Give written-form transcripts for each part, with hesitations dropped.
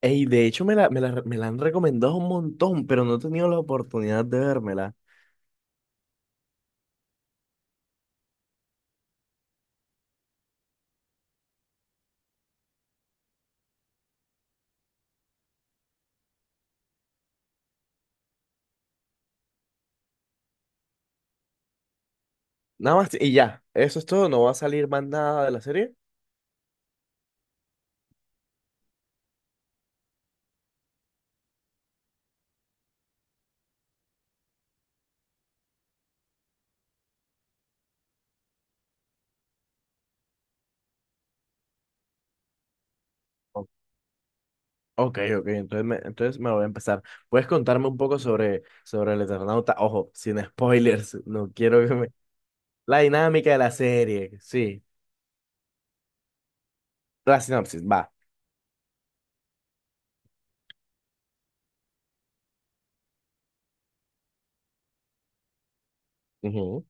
Ey, de hecho me la han recomendado un montón, pero no he tenido la oportunidad de vérmela. Nada más y ya, eso es todo, no va a salir más nada de la serie. O- Ok, ok, entonces me voy a empezar. ¿Puedes contarme un poco sobre el Eternauta? Ojo, sin spoilers, no quiero que me... La dinámica de la serie, sí, la sinopsis, va. Ujú.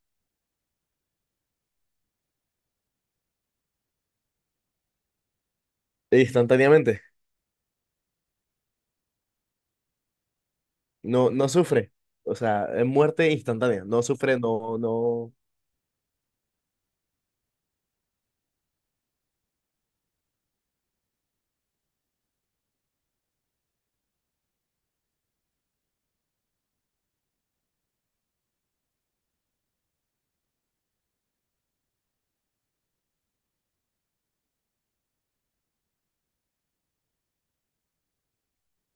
Instantáneamente, no, no sufre, o sea, es muerte instantánea, no sufre, no, no,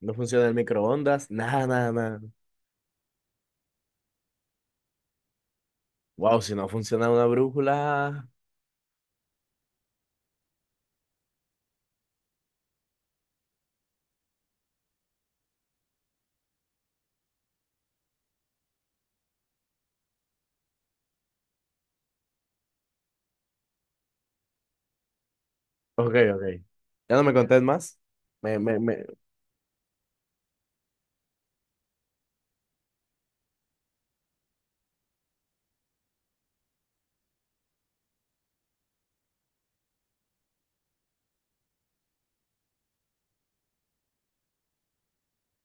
no funciona el microondas, nada, nada, nada. Wow, si no funciona una brújula. Ok, ok. Ya no me contés más. Me, me, me...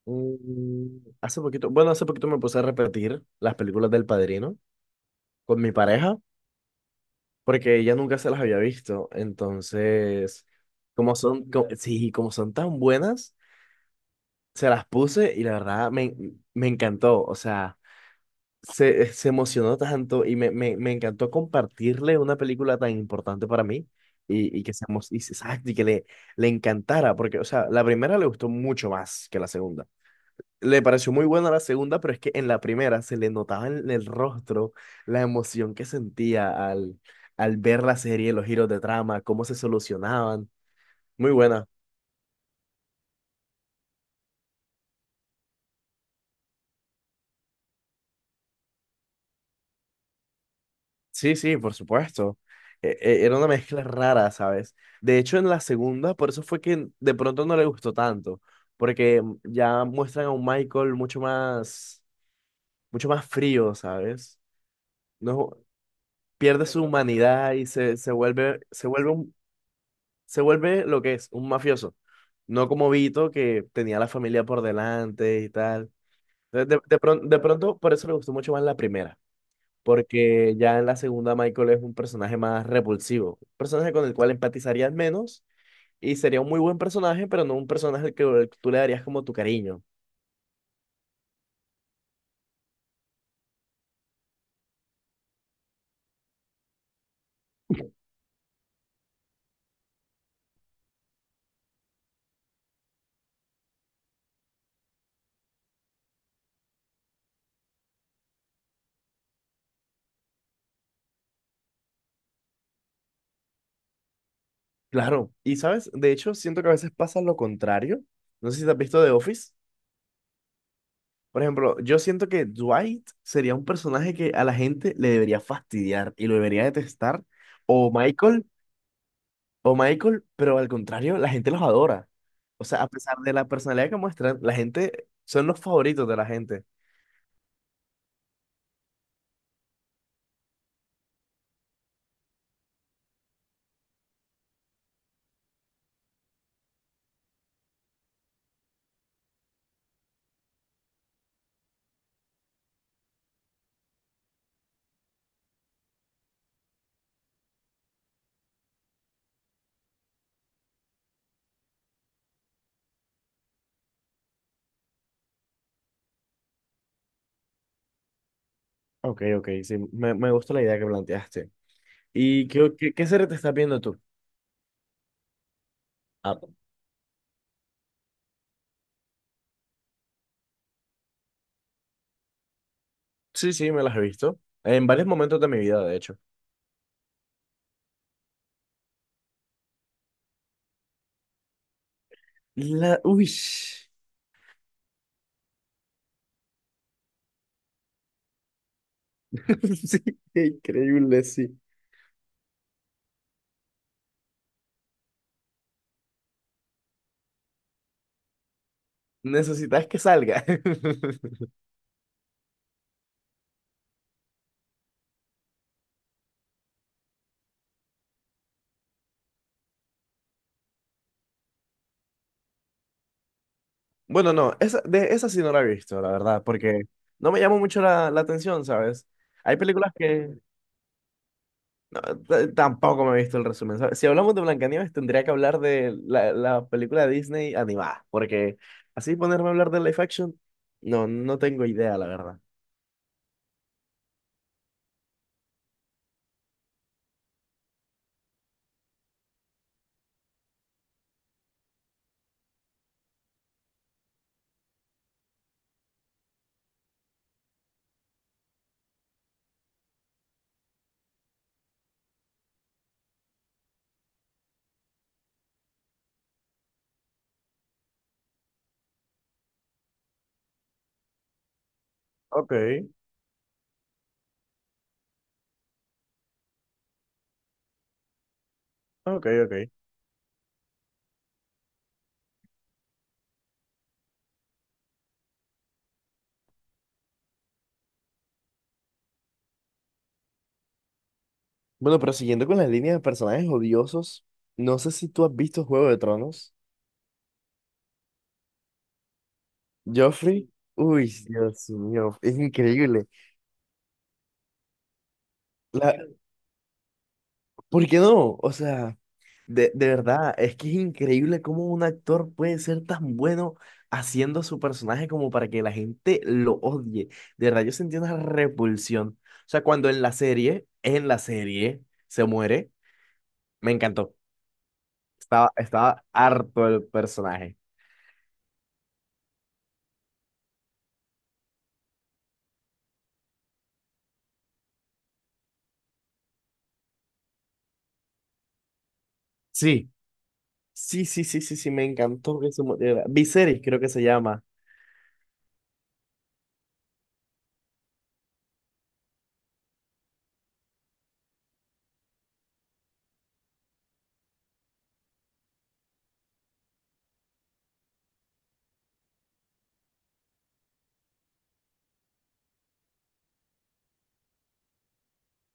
Hace poquito, bueno, hace poquito me puse a repetir las películas del Padrino con mi pareja, porque ella nunca se las había visto. Entonces, sí, como son tan buenas, se las puse y la verdad me encantó. O sea, se emocionó tanto y me encantó compartirle una película tan importante para mí y que se emo- y, se- exacto, le encantara, porque, o sea, la primera le gustó mucho más que la segunda. Le pareció muy buena la segunda, pero es que en la primera se le notaba en el rostro la emoción que sentía al ver la serie, los giros de trama, cómo se solucionaban. Muy buena. Sí, sí, por supuesto. Era una mezcla rara, ¿sabes? De hecho, en la segunda, por eso fue que de pronto no le gustó tanto, porque ya muestran a un Michael mucho más frío, ¿sabes? No, pierde su humanidad y se vuelve, se vuelve lo que es, un mafioso. No como Vito, que tenía la familia por delante y tal. Entonces, de pronto, por eso le gustó mucho más la primera. Porque ya en la segunda Michael es un personaje más repulsivo, un personaje con el cual empatizarías menos y sería un muy buen personaje, pero no un personaje al que tú le darías como tu cariño. Claro, y sabes, de hecho siento que a veces pasa lo contrario. No sé si te has visto The Office. Por ejemplo, yo siento que Dwight sería un personaje que a la gente le debería fastidiar y lo debería detestar. O Michael, o Michael, pero al contrario, la gente los adora. O sea, a pesar de la personalidad que muestran, la gente son los favoritos de la gente. Ok, ok, sí, me gusta la idea que planteaste. ¿Y qué serie te estás viendo tú? Ah, sí, sí, me las he visto. En varios momentos de mi vida, de hecho. La... Uy, sí, qué increíble, sí. Necesitas que salga. Bueno, no, esa, de esa sí no la he visto, la verdad, porque no me llamó mucho la atención, ¿sabes? Hay películas que... No, tampoco me he visto el resumen. ¿Sabes? Si hablamos de Blancanieves, tendría que hablar de la película de Disney animada, porque así ponerme a hablar de live action, no, no tengo idea, la verdad. Ok, ok, ok. Bueno, pero siguiendo con las líneas de personajes odiosos, no sé si tú has visto Juego de Tronos. Joffrey, uy, Dios mío, es increíble. La- ¿Por qué no? O sea, de verdad, es que es increíble cómo un actor puede ser tan bueno haciendo su personaje como para que la gente lo odie. De verdad, yo sentí una repulsión. O sea, cuando en la serie, se muere, me encantó. Estaba, estaba harto el personaje. Sí, sí, sí, sí, sí, sí, me encantó que se muriera. Viserys creo que se llama.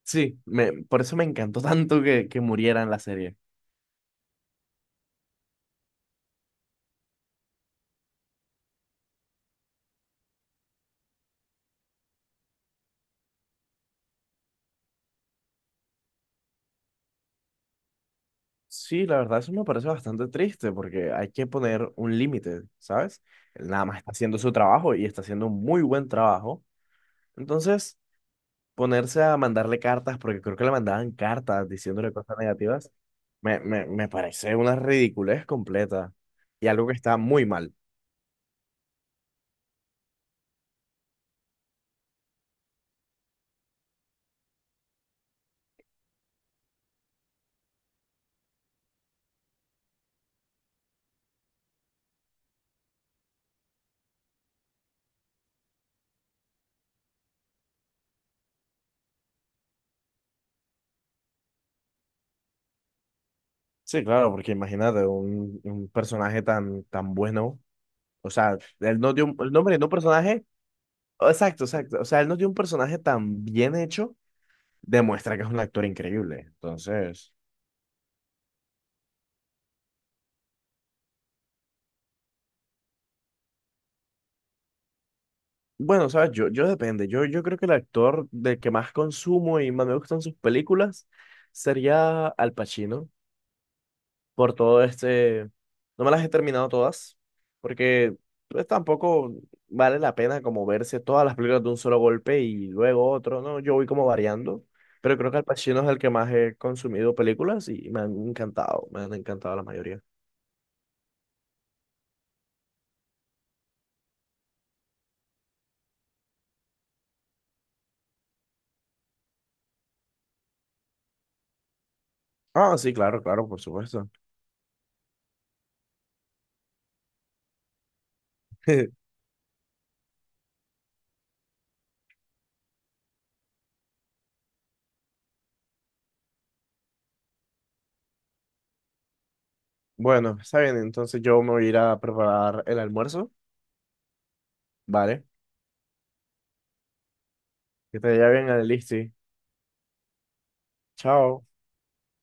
Sí, me, por eso me encantó tanto que muriera en la serie. Sí, la verdad eso me parece bastante triste porque hay que poner un límite, ¿sabes? Él nada más está haciendo su trabajo y está haciendo un muy buen trabajo. Entonces, ponerse a mandarle cartas, porque creo que le mandaban cartas diciéndole cosas negativas, me parece una ridiculez completa y algo que está muy mal. Sí, claro, porque imagínate un personaje tan bueno, o sea, él no dio un, el nombre de un personaje, exacto, exacto, o sea, él no dio un personaje tan bien hecho, demuestra que es un actor increíble. Entonces, bueno, sabes, yo depende. Yo creo que el actor del que más consumo y más me gustan sus películas sería Al Pacino, por todo este... No me las he terminado todas, porque pues, tampoco vale la pena como verse todas las películas de un solo golpe y luego otro, ¿no? Yo voy como variando, pero creo que Al Pacino es el que más he consumido películas y me han encantado la mayoría. Ah, sí, claro, claro, por supuesto. Bueno, está bien, entonces yo me voy a ir a preparar el almuerzo. Vale, que te vaya bien, Alexi. Chao.